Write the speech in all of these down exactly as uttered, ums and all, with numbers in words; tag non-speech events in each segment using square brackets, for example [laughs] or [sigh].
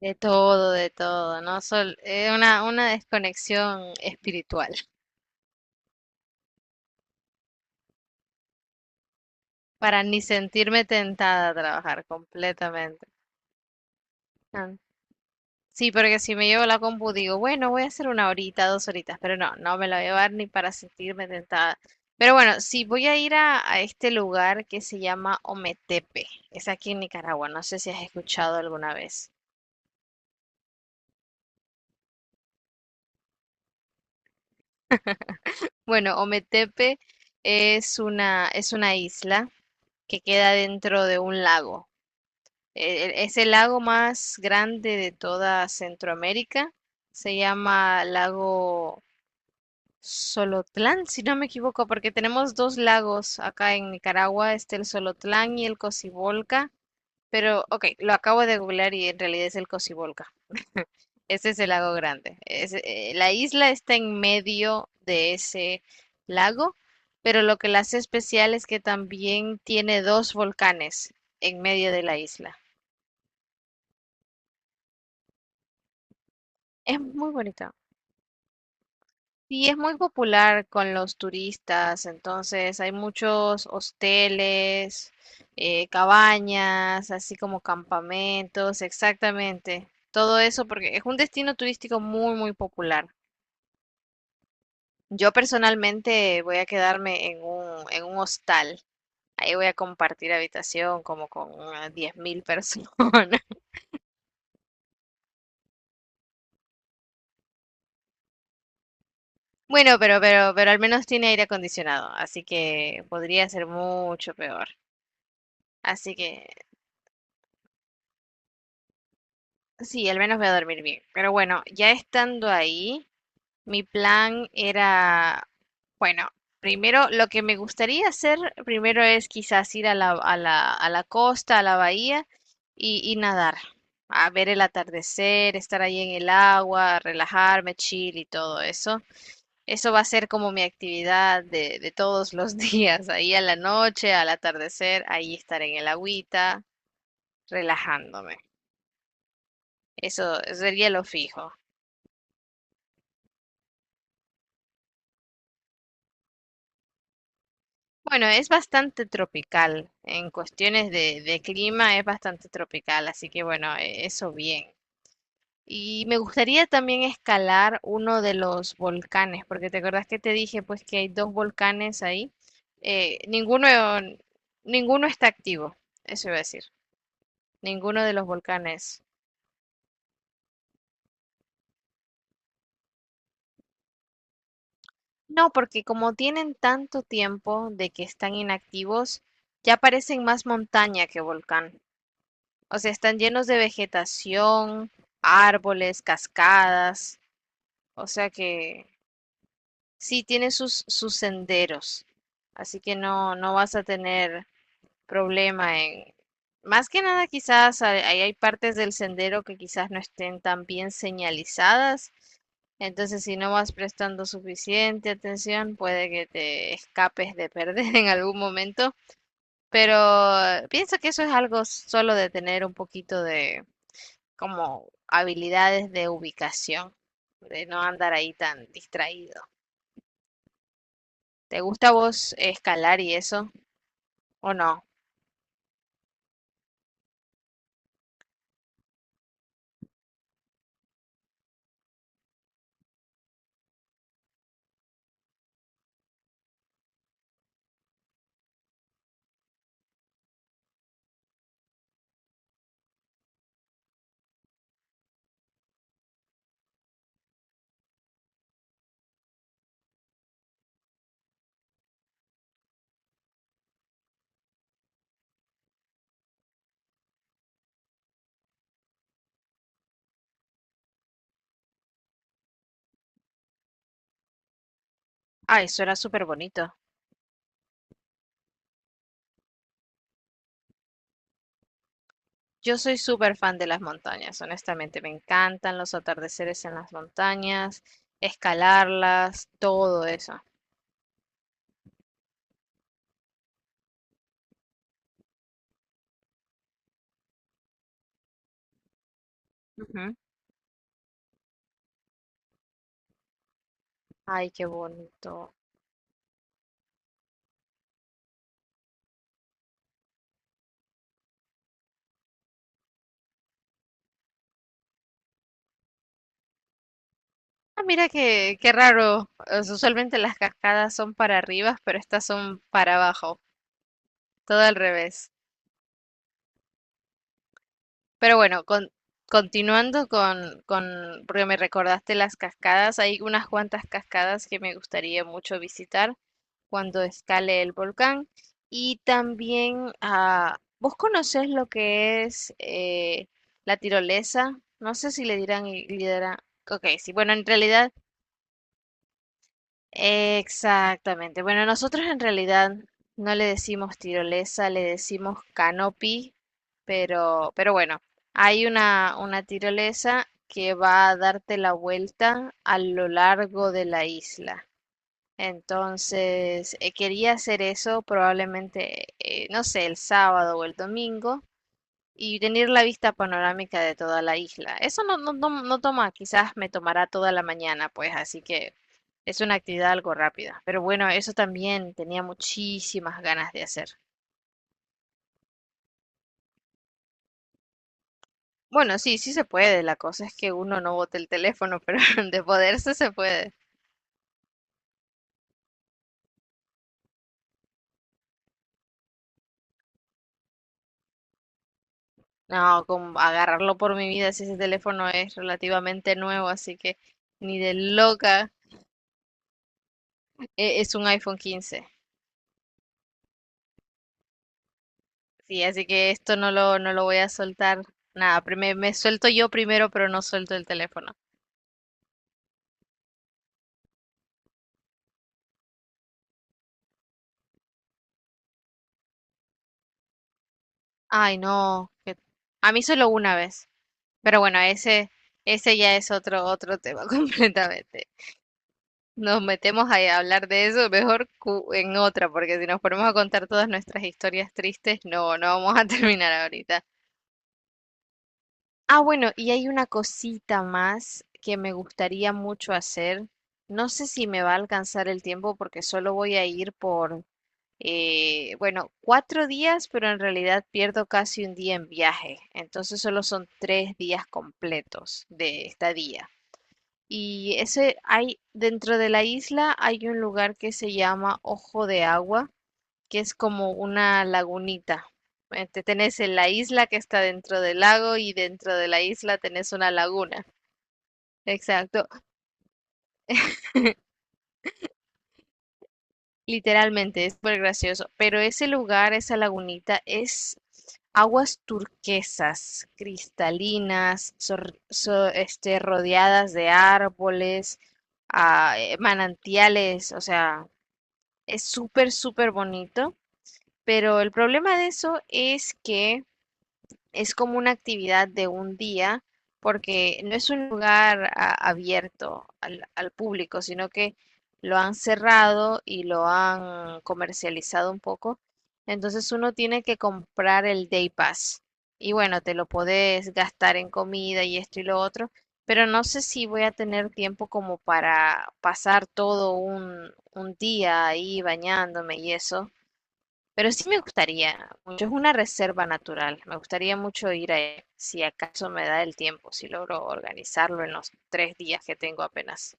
De todo, de todo, ¿no? Sol, eh, una, una desconexión espiritual para ni sentirme tentada a trabajar completamente. Ah, sí, porque si me llevo la compu digo, bueno, voy a hacer una horita, dos horitas, pero no, no me la voy a llevar ni para sentirme tentada. Pero bueno, sí, voy a ir a, a este lugar que se llama Ometepe. Es aquí en Nicaragua, no sé si has escuchado alguna vez. Bueno, Ometepe es una, es una isla que queda dentro de un lago. Eh, es el lago más grande de toda Centroamérica. Se llama lago Solotlán, si no me equivoco, porque tenemos dos lagos acá en Nicaragua, este el Solotlán y el Cocibolca. Pero, ok, lo acabo de googlear y en realidad es el Cocibolca. [laughs] Ese es el lago grande. Es, eh, la isla está en medio de ese lago, pero lo que la hace especial es que también tiene dos volcanes en medio de la isla. Es muy bonita. Y es muy popular con los turistas, entonces hay muchos hosteles, eh, cabañas, así como campamentos, exactamente. Todo eso porque es un destino turístico muy, muy popular. Yo personalmente voy a quedarme en un, en un hostal. Ahí voy a compartir habitación como con unas diez mil personas. [laughs] Bueno, pero, pero, pero al menos tiene aire acondicionado, así que podría ser mucho peor. Así que sí, al menos voy a dormir bien. Pero bueno, ya estando ahí, mi plan era, bueno, primero lo que me gustaría hacer, primero es quizás ir a la, a la, a la costa, a la bahía y, y nadar, a ver el atardecer, estar ahí en el agua, relajarme, chill y todo eso. Eso va a ser como mi actividad de, de todos los [laughs] días, ahí a la noche, al atardecer, ahí estar en el agüita, relajándome. Eso sería lo fijo. Bueno, es bastante tropical. En cuestiones de, de clima es bastante tropical, así que bueno, e- eso bien. Y me gustaría también escalar uno de los volcanes, porque te acuerdas que te dije pues que hay dos volcanes ahí. Eh, ninguno, Ninguno está activo, eso iba a decir. Ninguno de los volcanes. No, porque como tienen tanto tiempo de que están inactivos, ya parecen más montaña que volcán. O sea, están llenos de vegetación, árboles, cascadas. O sea que sí tiene sus, sus senderos. Así que no, no vas a tener problema en... Más que nada quizás hay, ahí hay partes del sendero que quizás no estén tan bien señalizadas. Entonces, si no vas prestando suficiente atención, puede que te escapes de perder [laughs] en algún momento. Pero pienso que eso es algo solo de tener un poquito de, como habilidades de ubicación, de no andar ahí tan distraído. ¿Te gusta a vos escalar y eso o no? Ay, eso era súper bonito. Yo soy súper fan de las montañas, honestamente, me encantan los atardeceres en las montañas, escalarlas, todo eso. Ujú. Ay, qué bonito. Ah, mira qué, qué raro. Usualmente las cascadas son para arriba, pero estas son para abajo, todo al revés. Pero bueno, con- continuando con, con, porque me recordaste las cascadas, hay unas cuantas cascadas que me gustaría mucho visitar cuando escale el volcán. Y también, ah, ¿vos conocés lo que es eh, la tirolesa? No sé si le dirán, y- le dirán, ok, sí, bueno, en realidad exactamente. Bueno, nosotros en realidad no le decimos tirolesa, le decimos canopy, pero, pero bueno, hay una, una tirolesa que va a darte la vuelta a lo largo de la isla. Entonces, eh, quería hacer eso probablemente, eh, no sé, el sábado o el domingo, y tener la vista panorámica de toda la isla. Eso no, no, no, no toma, quizás me tomará toda la mañana, pues, así que es una actividad algo rápida. Pero bueno, eso también tenía muchísimas ganas de hacer. Bueno, sí, sí se puede. La cosa es que uno no bote el teléfono, pero [laughs] de poderse se puede. No, con agarrarlo por mi vida si ese teléfono es relativamente nuevo, así que ni de loca eh, es un iPhone quince. Sí, así que esto no lo, no lo voy a soltar. Nada, pri- me, me suelto yo primero, pero no suelto el teléfono. Ay, no. que- A mí solo una vez. Pero bueno, ese, ese ya es otro, otro tema [laughs] completamente. Nos metemos ahí a hablar de eso mejor cu- en otra, porque si nos ponemos a contar todas nuestras historias tristes, no, no vamos a [laughs] terminar ahorita. Ah, bueno, y hay una cosita más que me gustaría mucho hacer. No sé si me va a alcanzar el tiempo porque solo voy a ir por eh, bueno, cuatro días, pero en realidad pierdo casi un día en viaje. Entonces solo son tres días completos de estadía. Y ese hay, dentro de la isla hay un lugar que se llama Ojo de Agua, que es como una lagunita. Eh, te- Tenés en la isla que está dentro del lago y dentro de la isla tenés una laguna. Exacto. Literalmente, es súper gracioso. Pero ese lugar, esa lagunita, es aguas turquesas, cristalinas, sor- so- este, rodeadas de árboles, ah, eh, manantiales, o sea, es súper, súper bonito. Pero el problema de eso es que es como una actividad de un día porque no es un lugar a- abierto al, al público, sino que lo han cerrado y lo han comercializado un poco. Entonces uno tiene que comprar el Day Pass. Y bueno, te lo podés gastar en comida y esto y lo otro, pero no sé si voy a tener tiempo como para pasar todo un, un día ahí bañándome y eso. Pero sí me gustaría mucho, es una reserva natural. Me gustaría mucho ir a ella, si acaso me da el tiempo, si logro organizarlo en los tres días que tengo apenas.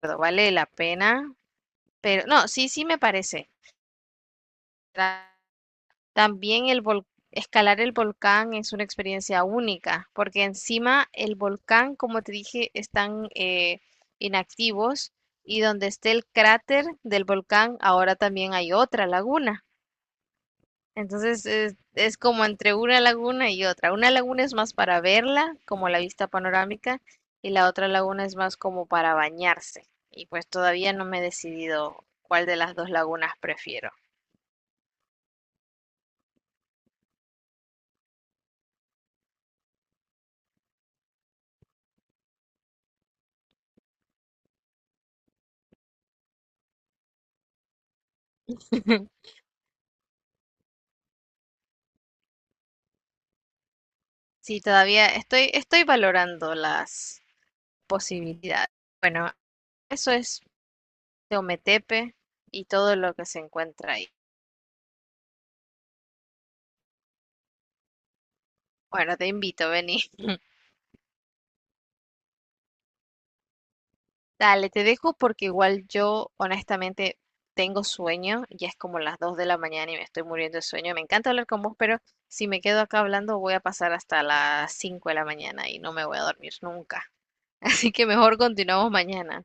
Pero vale la pena, pero no, sí, sí me parece. Ta- También el vol- Escalar el volcán es una experiencia única, porque encima el volcán, como te dije, están eh, inactivos y donde esté el cráter del volcán, ahora también hay otra laguna. Entonces es, es como entre una laguna y otra. Una laguna es más para verla, como la vista panorámica, y la otra laguna es más como para bañarse. Y pues todavía no me he decidido cuál de las dos lagunas prefiero. [laughs] Sí, todavía estoy, estoy valorando las posibilidades. Bueno, eso es Teometepe y todo lo que se encuentra ahí. Bueno, te invito, vení. Dale, te dejo porque igual yo honestamente tengo sueño, ya es como las dos de la mañana y me estoy muriendo de sueño. Me encanta hablar con vos, pero si me quedo acá hablando voy a pasar hasta las cinco de la mañana y no me voy a dormir nunca. [laughs] Así que mejor continuamos mañana.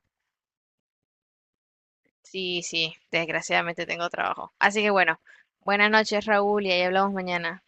Sí, sí, desgraciadamente tengo trabajo. Así que bueno, buenas noches, Raúl, y ahí hablamos mañana.